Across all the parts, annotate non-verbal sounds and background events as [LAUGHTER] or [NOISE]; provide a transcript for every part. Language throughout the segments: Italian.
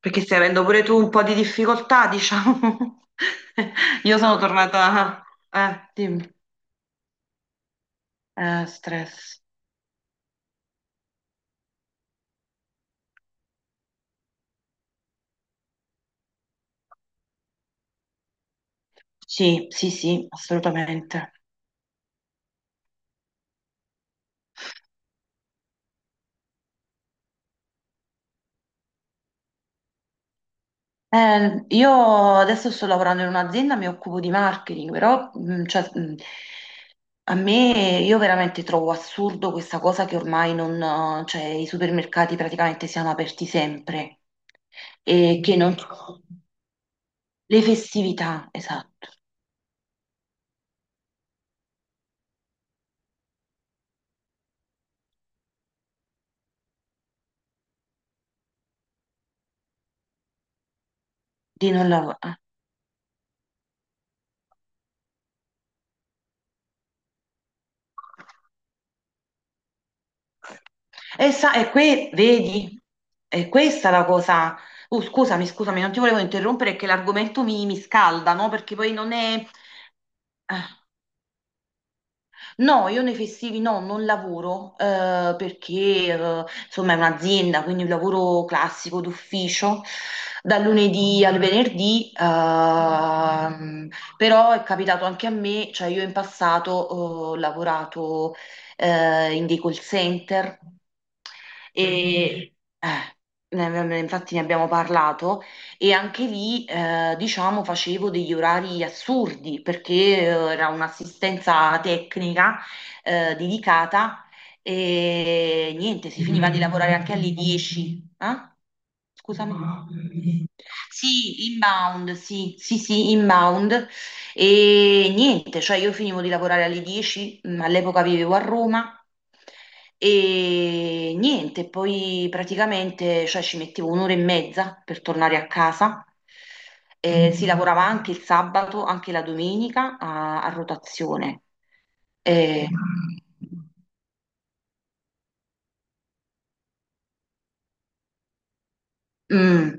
Perché stai avendo pure tu un po' di difficoltà, diciamo. [LAUGHS] Io sono tornata... dimmi. Stress. Sì, sì, sì, assolutamente. Io adesso sto lavorando in un'azienda, mi occupo di marketing, però cioè, a me io veramente trovo assurdo questa cosa che ormai non, cioè, i supermercati praticamente siano aperti sempre e che non... Le festività, esatto, di non lavorare. E, sa, vedi, è questa la cosa. Scusami, scusami, non ti volevo interrompere che l'argomento mi scalda, no? Perché poi non è. eh, No, io nei festivi no, non lavoro, perché insomma è un'azienda, quindi un lavoro classico d'ufficio dal lunedì al venerdì. Però è capitato anche a me, cioè io in passato ho lavorato in dei call center e infatti ne abbiamo parlato, e anche lì, diciamo, facevo degli orari assurdi perché era un'assistenza tecnica dedicata. E niente, si finiva di lavorare anche alle 10. Eh? Scusami. Sì, inbound, sì, sì, sì, inbound. E niente, cioè io finivo di lavorare alle 10, all'epoca vivevo a Roma e niente, poi praticamente cioè, ci mettevo un'ora e mezza per tornare a casa. Si lavorava anche il sabato, anche la domenica a rotazione. Eh, mm,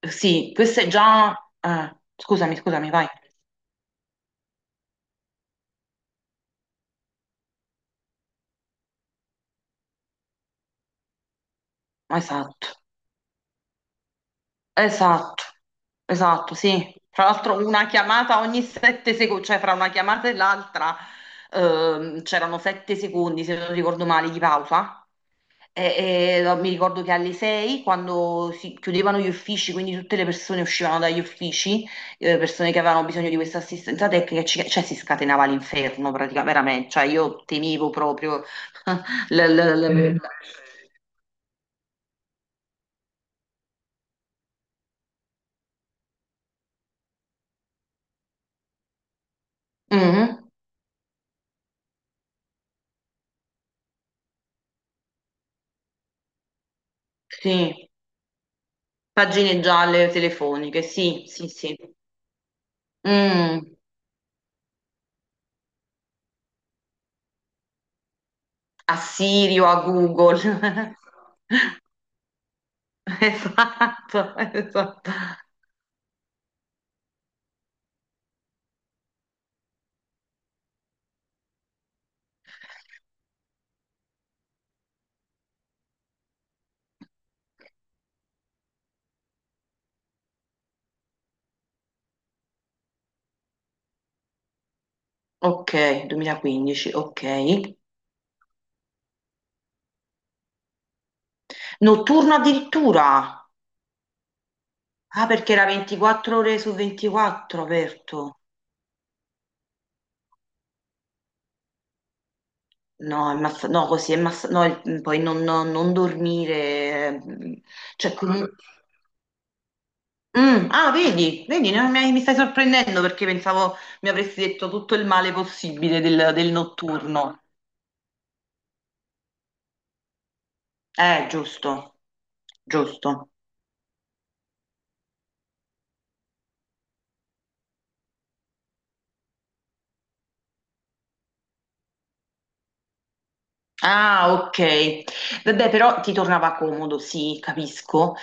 sì, questo è già... scusami, scusami, vai. Esatto. Esatto, esatto, sì. Tra l'altro una chiamata ogni sette secondi, cioè fra una chiamata e l'altra c'erano sette secondi, se non ricordo male, di pausa. E no, mi ricordo che alle sei, quando si chiudevano gli uffici, quindi tutte le persone uscivano dagli uffici, persone che avevano bisogno di questa assistenza tecnica, cioè si scatenava l'inferno praticamente, veramente. Cioè io temevo proprio. [LAUGHS] l- l- l- Mhm. Sì, pagine gialle telefoniche, sì, sì, sì. Mm, A Siri o a Google. [LAUGHS] Esatto, esatto. Ok, 2015, ok. Notturno addirittura. Ah, perché era 24 ore su 24 aperto. No, no, così no, poi non dormire. Cioè, ah, vedi, vedi, no, mi stai sorprendendo perché pensavo mi avresti detto tutto il male possibile del notturno. Giusto, giusto. Ah, ok. Vabbè, però ti tornava comodo, sì, capisco.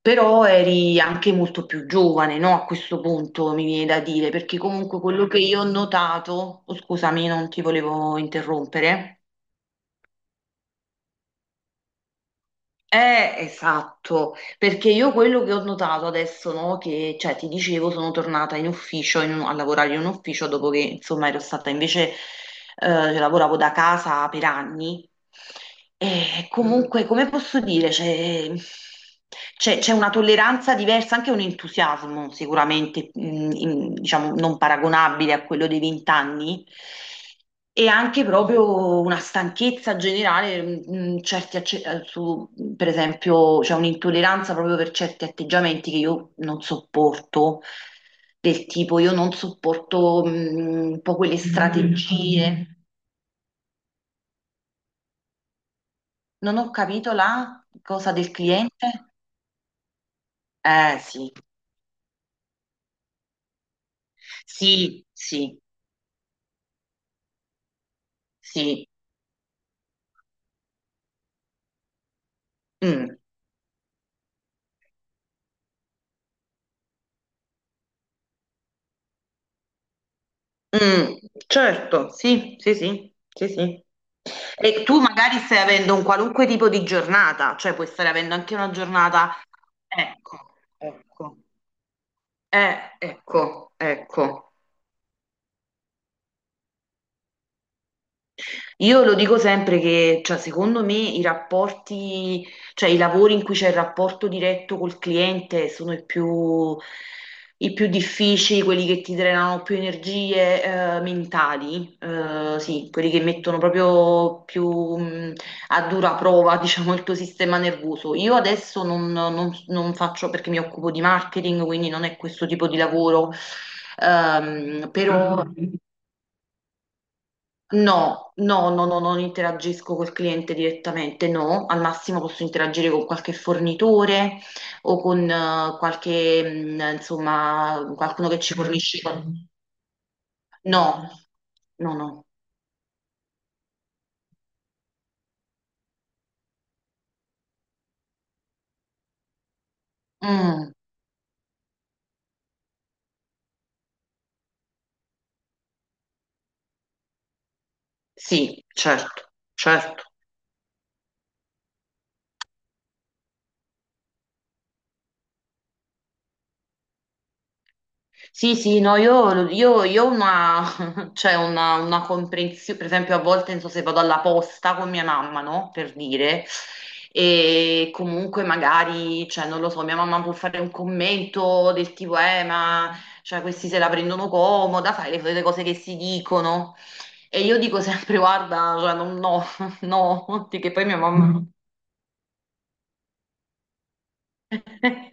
Però eri anche molto più giovane, no? A questo punto mi viene da dire, perché comunque quello che io ho notato, oh, scusami, non ti volevo interrompere. Esatto, perché io quello che ho notato adesso, no, che cioè, ti dicevo, sono tornata in ufficio, a lavorare in un ufficio dopo che insomma ero stata invece, lavoravo da casa per anni. E comunque, come posso dire, c'è una tolleranza diversa, anche un entusiasmo sicuramente, diciamo, non paragonabile a quello dei vent'anni. E anche proprio una stanchezza generale, certi per esempio, c'è un'intolleranza proprio per certi atteggiamenti che io non sopporto, del tipo io non sopporto un po' quelle strategie. Non ho capito la cosa del cliente? Eh sì, sì, sì, sì. Mm, mm, certo, sì, sì, sì, sì, sì. E tu magari stai avendo un qualunque tipo di giornata, cioè puoi stare avendo anche una giornata. Ecco, ecco, ecco, ecco. Io lo dico sempre che, cioè, secondo me i rapporti, cioè i lavori in cui c'è il rapporto diretto col cliente sono i più difficili, quelli che ti drenano più energie, mentali, sì, quelli che mettono proprio più, a dura prova, [LAUGHS] diciamo, il tuo sistema nervoso. Io adesso non, non faccio perché mi occupo di marketing, quindi non è questo tipo di lavoro, però... No, no, no, no, non interagisco col cliente direttamente, no, al massimo posso interagire con qualche fornitore o con qualche, insomma, qualcuno che ci fornisce. Commerciale. No, no, no. Mm, sì, certo, certo. Sì, sì, no, io, io ho una, [LAUGHS] cioè una comprensione, per esempio a volte non so se vado alla posta con mia mamma, no? Per dire, e comunque magari, cioè non lo so, mia mamma può fare un commento del tipo, ma cioè, questi se la prendono comoda, fai le cose che si dicono. E io dico sempre, [LAUGHS] guarda, cioè, no, [LAUGHS] no, che poi mia mamma... [LAUGHS] Mm.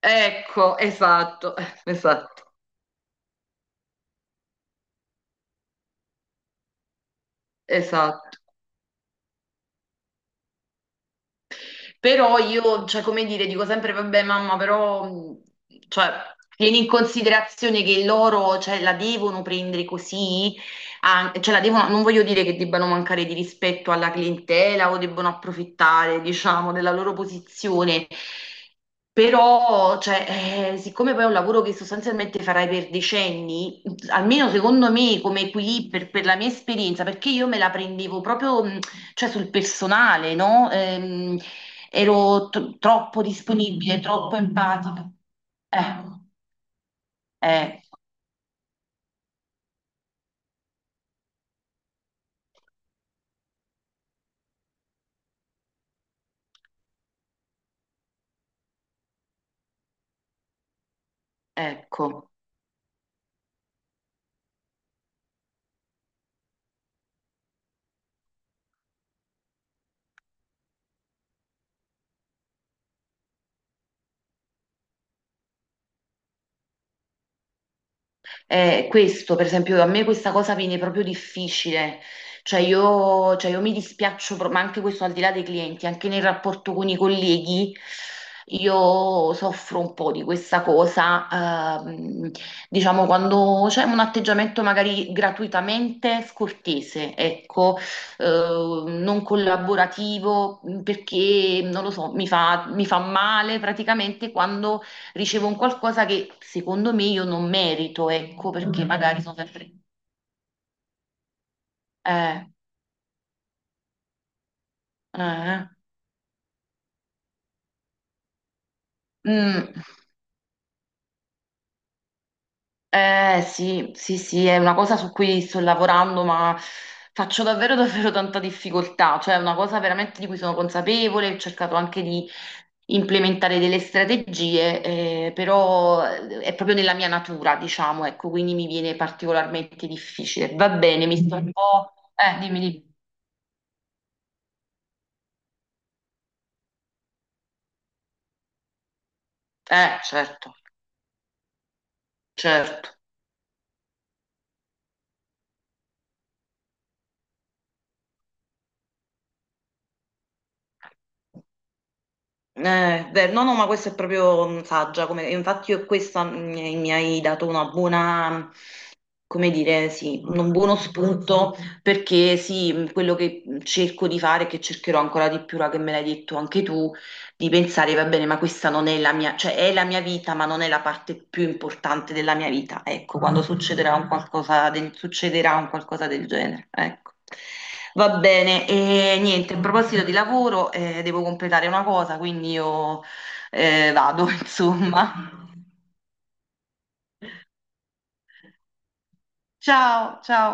Ecco, esatto, esatto, esatto. Però io, cioè, come dire, dico sempre, vabbè, mamma, però, cioè, tieni in considerazione che loro, cioè, la devono prendere così, cioè, la devono, non voglio dire che debbano mancare di rispetto alla clientela o debbano approfittare, diciamo, della loro posizione. Però, cioè, siccome poi è un lavoro che sostanzialmente farai per decenni, almeno secondo me come equilibrio, per la mia esperienza, perché io me la prendevo proprio, cioè, sul personale, no? Ero troppo disponibile, troppo empatica. Eh, eh, ecco. Questo, per esempio, a me questa cosa viene proprio difficile, cioè io mi dispiaccio, ma anche questo al di là dei clienti, anche nel rapporto con i colleghi, io soffro un po' di questa cosa, ehm, diciamo quando c'è un atteggiamento magari gratuitamente scortese, ecco, eh, non collaborativo, perché non lo so, mi fa male praticamente quando ricevo un qualcosa che secondo me io non merito, ecco, perché magari sono sempre... Eh, eh, mm, sì, sì, sì, è una cosa su cui sto lavorando, ma faccio davvero, [LAUGHS] davvero tanta difficoltà, cioè è una cosa veramente di cui sono consapevole, ho cercato anche di implementare delle strategie, però è proprio nella mia natura, diciamo, ecco, quindi mi viene particolarmente difficile. Va bene, mi sto un po'... dimmi, dimmi. Certo, certo. Beh, no, no, ma questa è proprio saggia, come, e infatti io questa mi hai dato una buona, come dire, sì, un buono spunto perché sì, quello che cerco di fare, che cercherò ancora di più, ora che me l'hai detto anche tu, di pensare, va bene, ma questa non è la mia, cioè è la mia vita, ma non è la parte più importante della mia vita. Ecco, quando succederà un qualcosa del, succederà un qualcosa del genere, ecco. Va bene, e niente, a proposito di lavoro, devo completare una cosa, quindi io vado, [LAUGHS] insomma. Ciao, ciao.